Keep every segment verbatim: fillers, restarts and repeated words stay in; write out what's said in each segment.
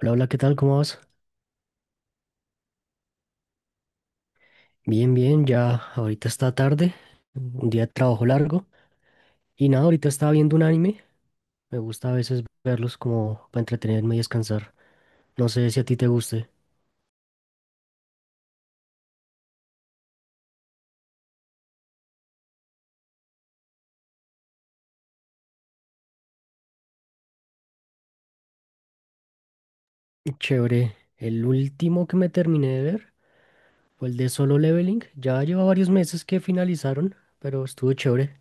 Hola, hola, ¿qué tal? ¿Cómo vas? Bien, bien, ya ahorita está tarde, un día de trabajo largo y nada, ahorita estaba viendo un anime, me gusta a veces verlos como para entretenerme y descansar, no sé si a ti te guste. Chévere, el último que me terminé de ver fue el de Solo Leveling, ya lleva varios meses que finalizaron, pero estuvo chévere.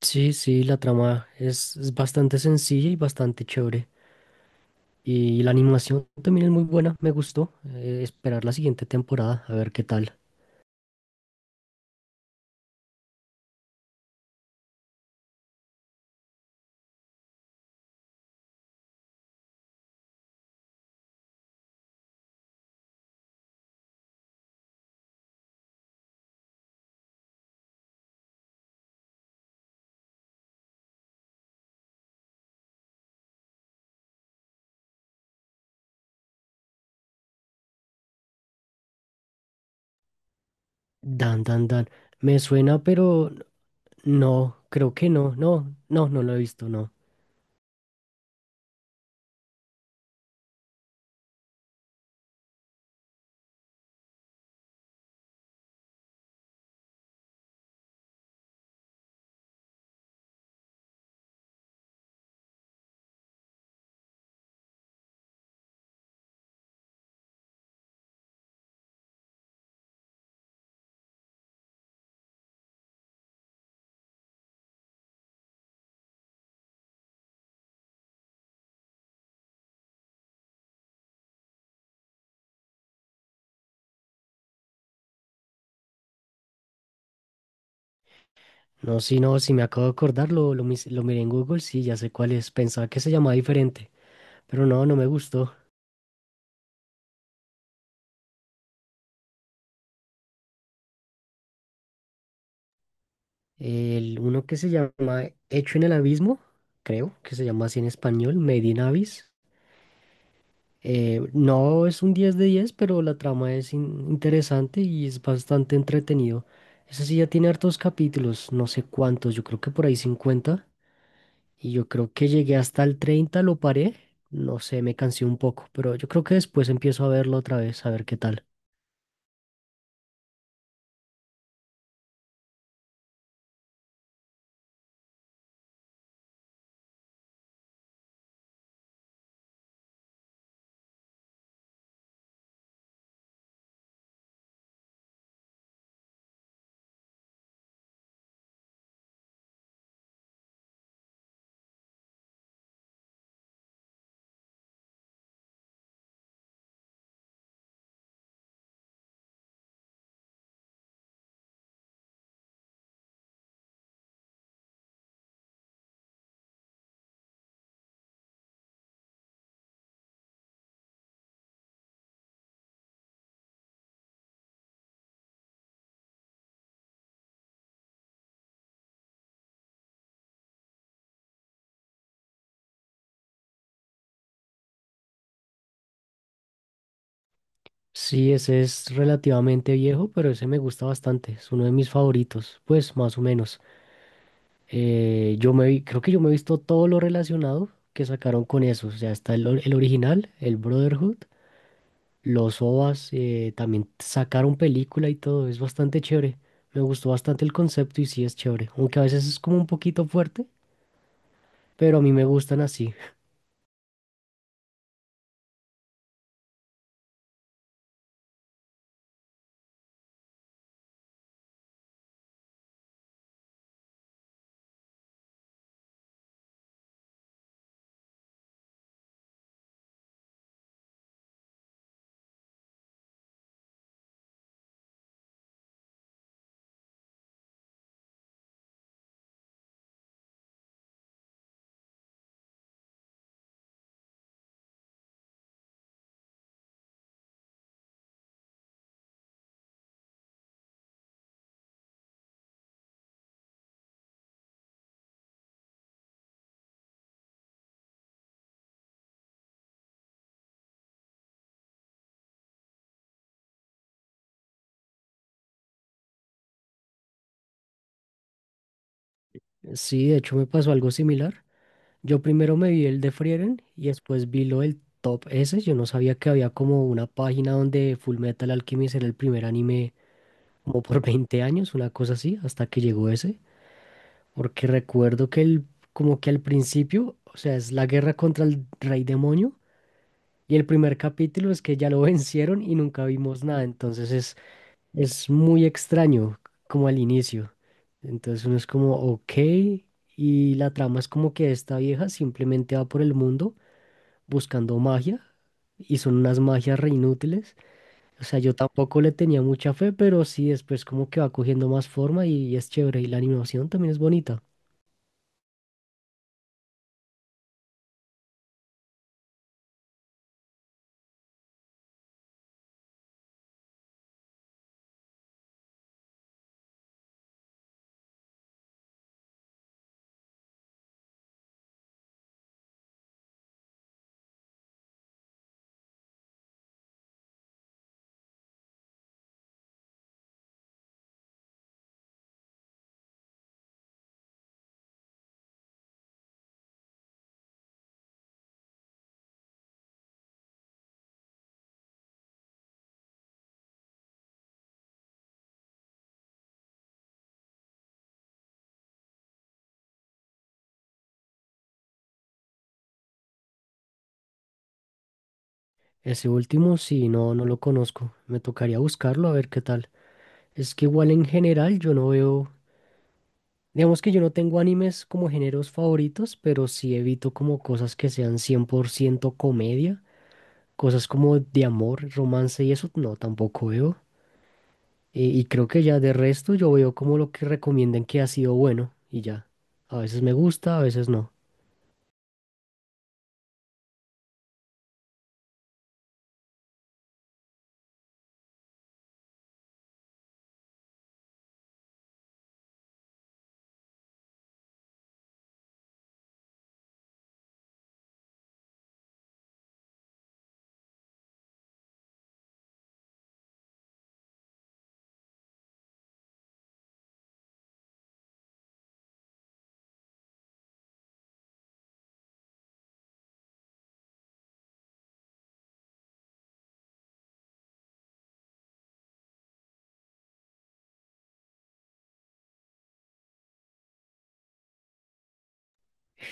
Sí, sí, la trama es, es bastante sencilla y bastante chévere. Y la animación también es muy buena, me gustó. Eh, esperar la siguiente temporada, a ver qué tal. Dan, dan, dan. Me suena, pero no, creo que no, no, no, no lo he visto, no. No, si no, si me acabo de acordar, lo, lo, mis- lo miré en Google, sí, ya sé cuál es. Pensaba que se llamaba diferente, pero no, no me gustó. El uno que se llama Hecho en el Abismo, creo que se llama así en español, Made in Abyss. Eh, no es un diez de diez, pero la trama es in- interesante y es bastante entretenido. Ese sí ya tiene hartos capítulos, no sé cuántos, yo creo que por ahí cincuenta. Y yo creo que llegué hasta el treinta, lo paré. No sé, me cansé un poco, pero yo creo que después empiezo a verlo otra vez, a ver qué tal. Sí, ese es relativamente viejo, pero ese me gusta bastante. Es uno de mis favoritos, pues más o menos. Eh, yo me vi, creo que yo me he visto todo lo relacionado que sacaron con eso. O sea, está el, or- el original, el Brotherhood, los O V As, eh, también sacaron película y todo. Es bastante chévere. Me gustó bastante el concepto y sí es chévere, aunque a veces es como un poquito fuerte, pero a mí me gustan así. Sí, de hecho me pasó algo similar. Yo primero me vi el de Frieren y después vi lo del Top S. Yo no sabía que había como una página donde Full Metal Alchemist era el primer anime como por veinte años, una cosa así, hasta que llegó ese. Porque recuerdo que el, como que al principio, o sea, es la guerra contra el rey demonio y el primer capítulo es que ya lo vencieron y nunca vimos nada. Entonces es muy extraño, como al inicio. Entonces uno es como, ok, y la trama es como que esta vieja simplemente va por el mundo buscando magia, y son unas magias re inútiles. O sea, yo tampoco le tenía mucha fe, pero sí después como que va cogiendo más forma y es chévere, y la animación también es bonita. Ese último sí, no, no lo conozco. Me tocaría buscarlo a ver qué tal. Es que igual en general yo no veo. Digamos que yo no tengo animes como géneros favoritos, pero sí evito como cosas que sean cien por ciento comedia, cosas como de amor, romance y eso, no, tampoco veo. Y, y creo que ya de resto yo veo como lo que recomienden que ha sido bueno y ya. A veces me gusta, a veces no.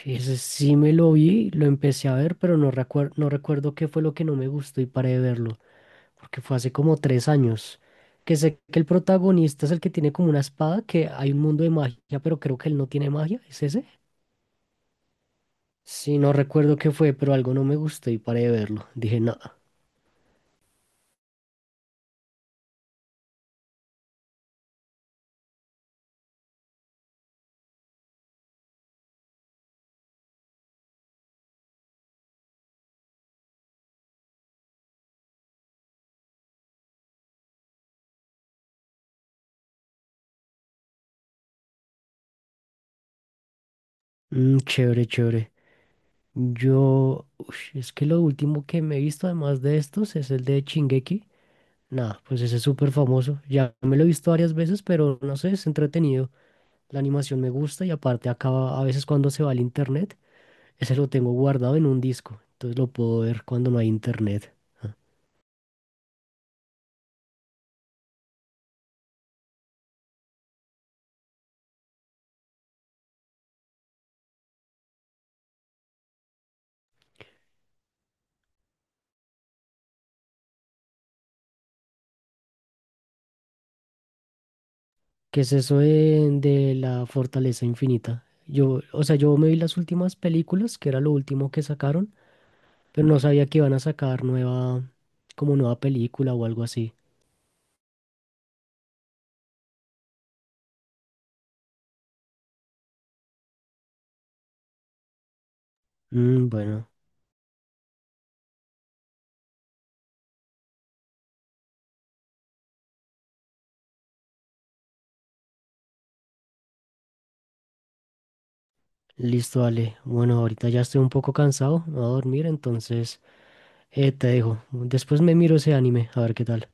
Ese sí me lo vi, lo empecé a ver, pero no recuer- no recuerdo qué fue lo que no me gustó y paré de verlo, porque fue hace como tres años, que sé que el protagonista es el que tiene como una espada, que hay un mundo de magia, pero creo que él no tiene magia, ¿es ese? Sí, no recuerdo qué fue, pero algo no me gustó y paré de verlo. Dije, nada, chévere, chévere. Yo, ush, es que lo último que me he visto, además de estos, es el de Shingeki. Nada, pues ese es súper famoso. Ya me lo he visto varias veces, pero no sé, es entretenido. La animación me gusta y aparte acaba a veces cuando se va al internet. Ese lo tengo guardado en un disco, entonces lo puedo ver cuando no hay internet. ¿Qué es eso de, de la Fortaleza Infinita? Yo, o sea, yo me vi las últimas películas, que era lo último que sacaron, pero no sabía que iban a sacar nueva, como nueva película o algo así. Mm, bueno, listo, Ale. Bueno, ahorita ya estoy un poco cansado, me voy a dormir, entonces eh, te dejo. Después me miro ese anime, a ver qué tal.